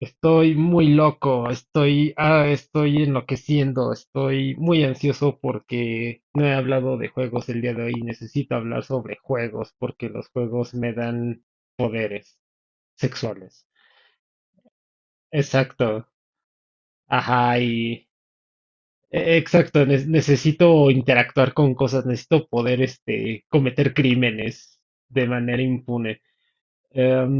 Estoy muy loco, estoy enloqueciendo, estoy muy ansioso porque no he hablado de juegos el día de hoy. Necesito hablar sobre juegos porque los juegos me dan poderes sexuales. Exacto, ajá, y exacto, necesito interactuar con cosas, necesito poder, cometer crímenes de manera impune. Em,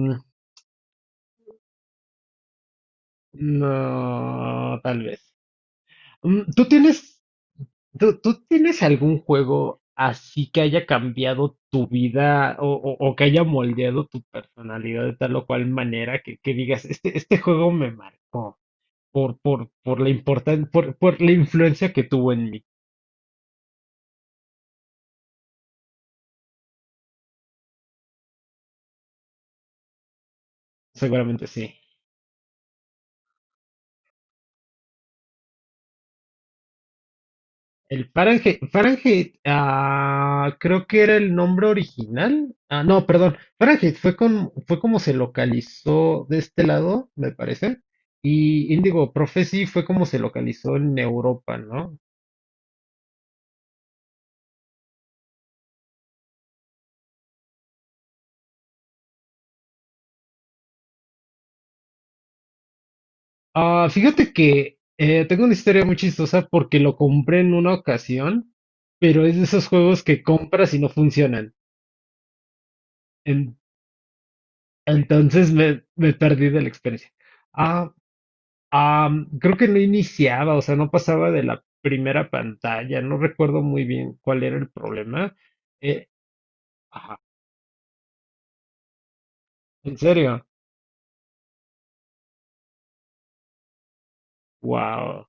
no, tal vez. Mm, ¿Tú tienes tú tienes algún juego así que haya cambiado tu vida o que haya moldeado tu personalidad de tal o cual manera que digas, este juego me marcó por la influencia que tuvo en mí? Seguramente sí. El Fahrenheit, creo que era el nombre original. Ah, no, perdón. Fahrenheit fue como se localizó de este lado, me parece. Y Indigo Prophecy fue como se localizó en Europa, ¿no? Ah, fíjate que tengo una historia muy chistosa porque lo compré en una ocasión, pero es de esos juegos que compras y no funcionan. En- entonces me perdí de la experiencia. Ah, creo que no iniciaba, o sea, no pasaba de la primera pantalla. No recuerdo muy bien cuál era el problema. Eh, ajá, en serio. Wow.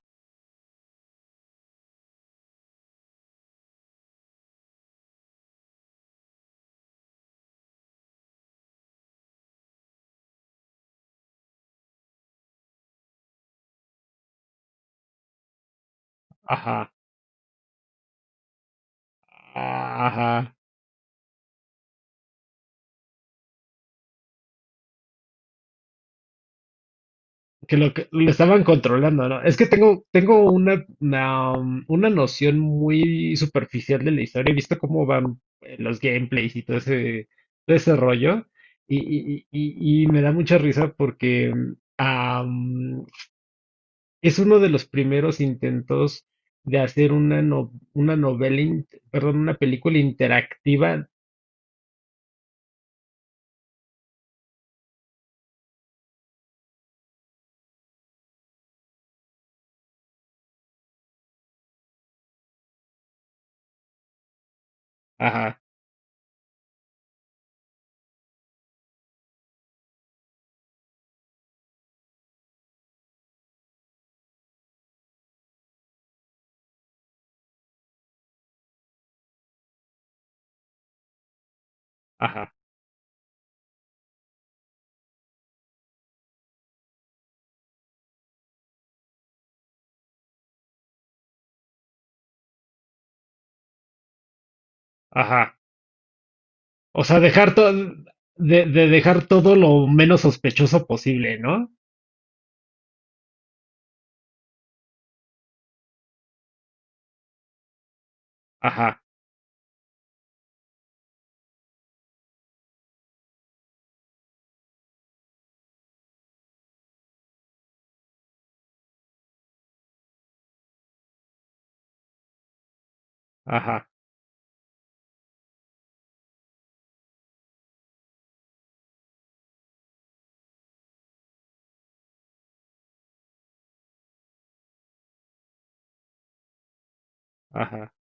Ajá. Ajá. Que lo estaban controlando, ¿no? Es que tengo una noción muy superficial de la historia. He visto cómo van los gameplays y todo ese rollo. Y, y me da mucha risa porque es uno de los primeros intentos de hacer una, no- una novela, perdón, una película interactiva. Ajá, ajá, ajá. O sea, dejar todo, de dejar todo lo menos sospechoso posible, ¿no? Ajá, ajá, ajá.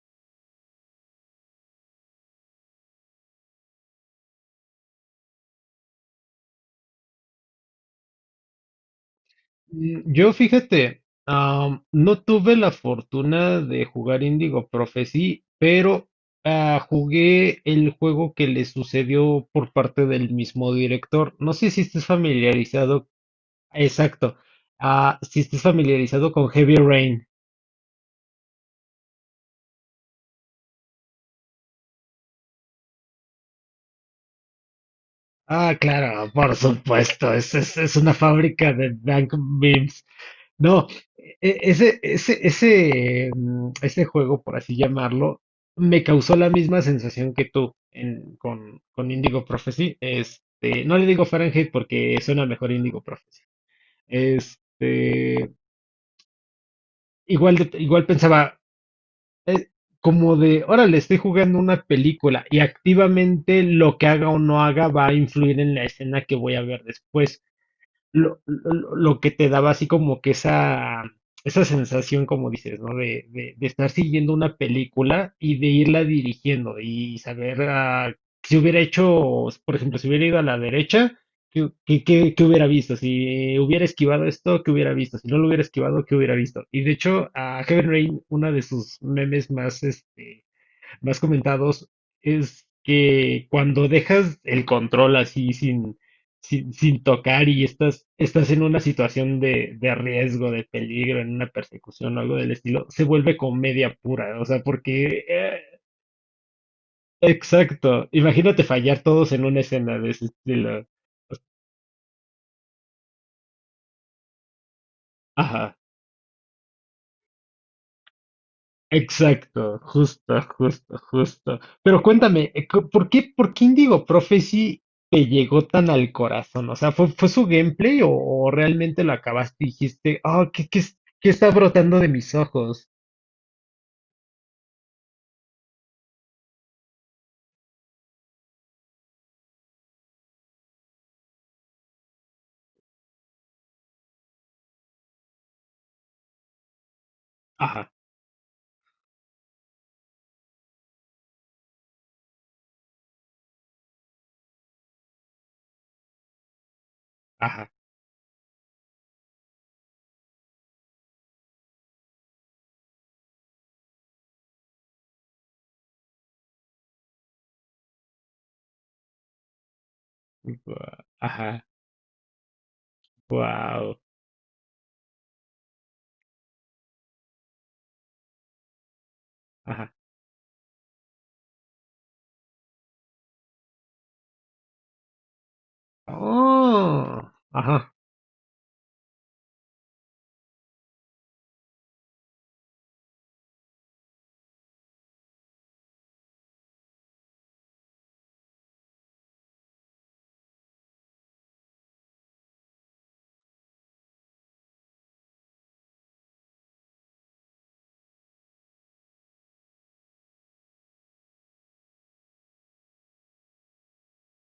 Yo fíjate, no tuve la fortuna de jugar Indigo Prophecy, pero jugué el juego que le sucedió por parte del mismo director. No sé si estés familiarizado, exacto, si estés familiarizado con Heavy Rain. Ah, claro, por supuesto, es una fábrica de dank memes. No, ese juego, por así llamarlo, me causó la misma sensación que tú con Indigo Prophecy. No le digo Fahrenheit porque suena mejor Indigo Prophecy. Este, igual pensaba, eh, como de, órale, estoy jugando una película y activamente lo que haga o no haga va a influir en la escena que voy a ver después. Lo que te daba así como que esa sensación, como dices, ¿no? De estar siguiendo una película y de irla dirigiendo y saber si hubiera hecho, por ejemplo, si hubiera ido a la derecha, ¿qué hubiera visto? Si hubiera esquivado esto, ¿qué hubiera visto? Si no lo hubiera esquivado, ¿qué hubiera visto? Y de hecho, a Heaven Rain, una de sus memes más comentados es que cuando dejas el control así sin tocar y estás en una situación de riesgo, de peligro, en una persecución o algo del estilo, se vuelve comedia pura. O sea, porque, exacto. Imagínate fallar todos en una escena de ese estilo. Ajá. Exacto, justo, justo, justo. Pero cuéntame, ¿por qué Indigo Prophecy te llegó tan al corazón? O sea, ¿fue su gameplay o realmente lo acabaste y dijiste, ¿qué está brotando de mis ojos? Ajá, ajá, ajá, wow, ajá. Oh, ajá,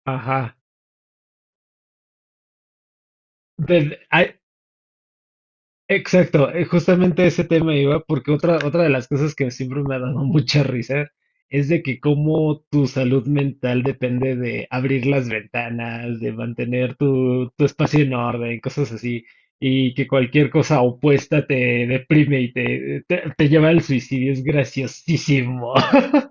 ajá. Desde- ah, Exacto, justamente ese tema iba porque otra de las cosas que siempre me ha dado mucha risa es de que cómo tu salud mental depende de abrir las ventanas, de mantener tu espacio en orden, cosas así, y que cualquier cosa opuesta te deprime y te lleva al suicidio, es graciosísimo.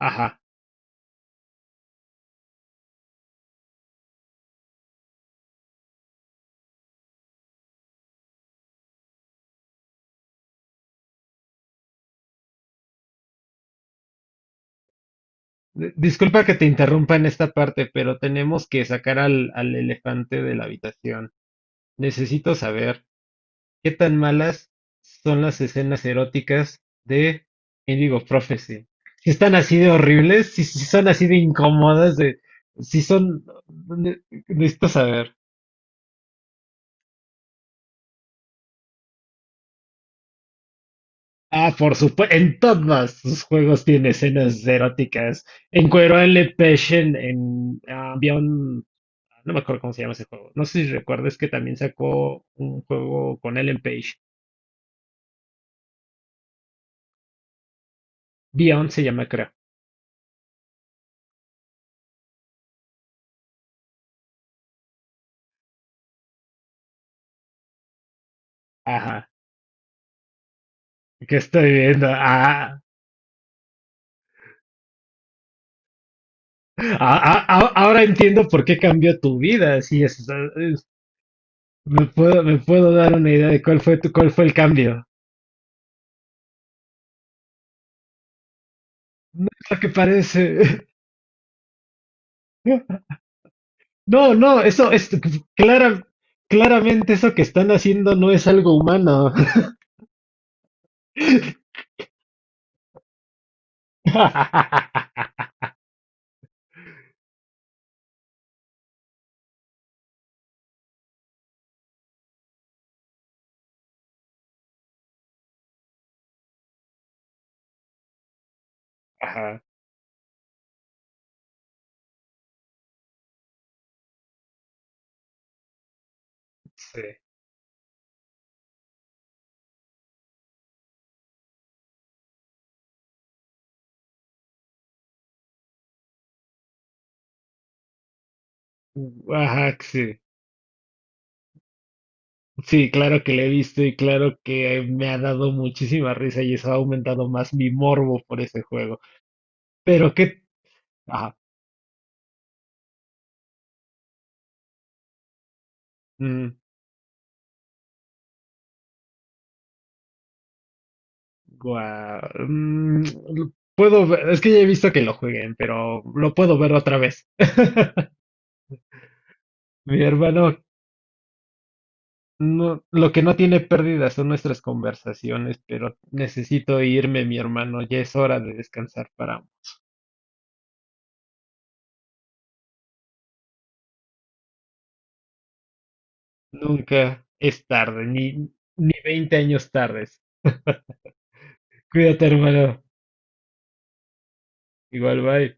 Ajá. Disculpa que te interrumpa en esta parte, pero tenemos que sacar al elefante de la habitación. Necesito saber. ¿Qué tan malas son las escenas eróticas de Indigo Prophecy? Si están así de horribles, si son así de incómodas, de, si son. ne- Necesito saber. Ah, por supuesto, en todos sus juegos tiene escenas eróticas. Encuero a Ellen Page en. No me acuerdo cómo se llama ese juego. No sé si recuerdas que también sacó un juego con Ellen Page. Beyond se llama, creo. Ajá. ¿Qué estoy viendo? Ah, ahora entiendo por qué cambió tu vida. Sí, es- me puedo dar una idea de cuál fue tu, cuál fue el cambio. No es lo que parece. No, no, eso es clara, claramente eso que están haciendo no es algo humano. Ajá, sí. Ajá, sí. Sí, claro que le he visto y claro que me ha dado muchísima risa y eso ha aumentado más mi morbo por ese juego. Pero qué. Ajá. Mm. Guau, mm, lo puedo ver, es que ya he visto que lo jueguen, pero lo puedo ver otra vez. Mi hermano, no, lo que no tiene pérdida son nuestras conversaciones, pero necesito irme, mi hermano, ya es hora de descansar para ambos. Nunca es tarde, ni 20 años tardes. Cuídate, hermano. Igual, bye.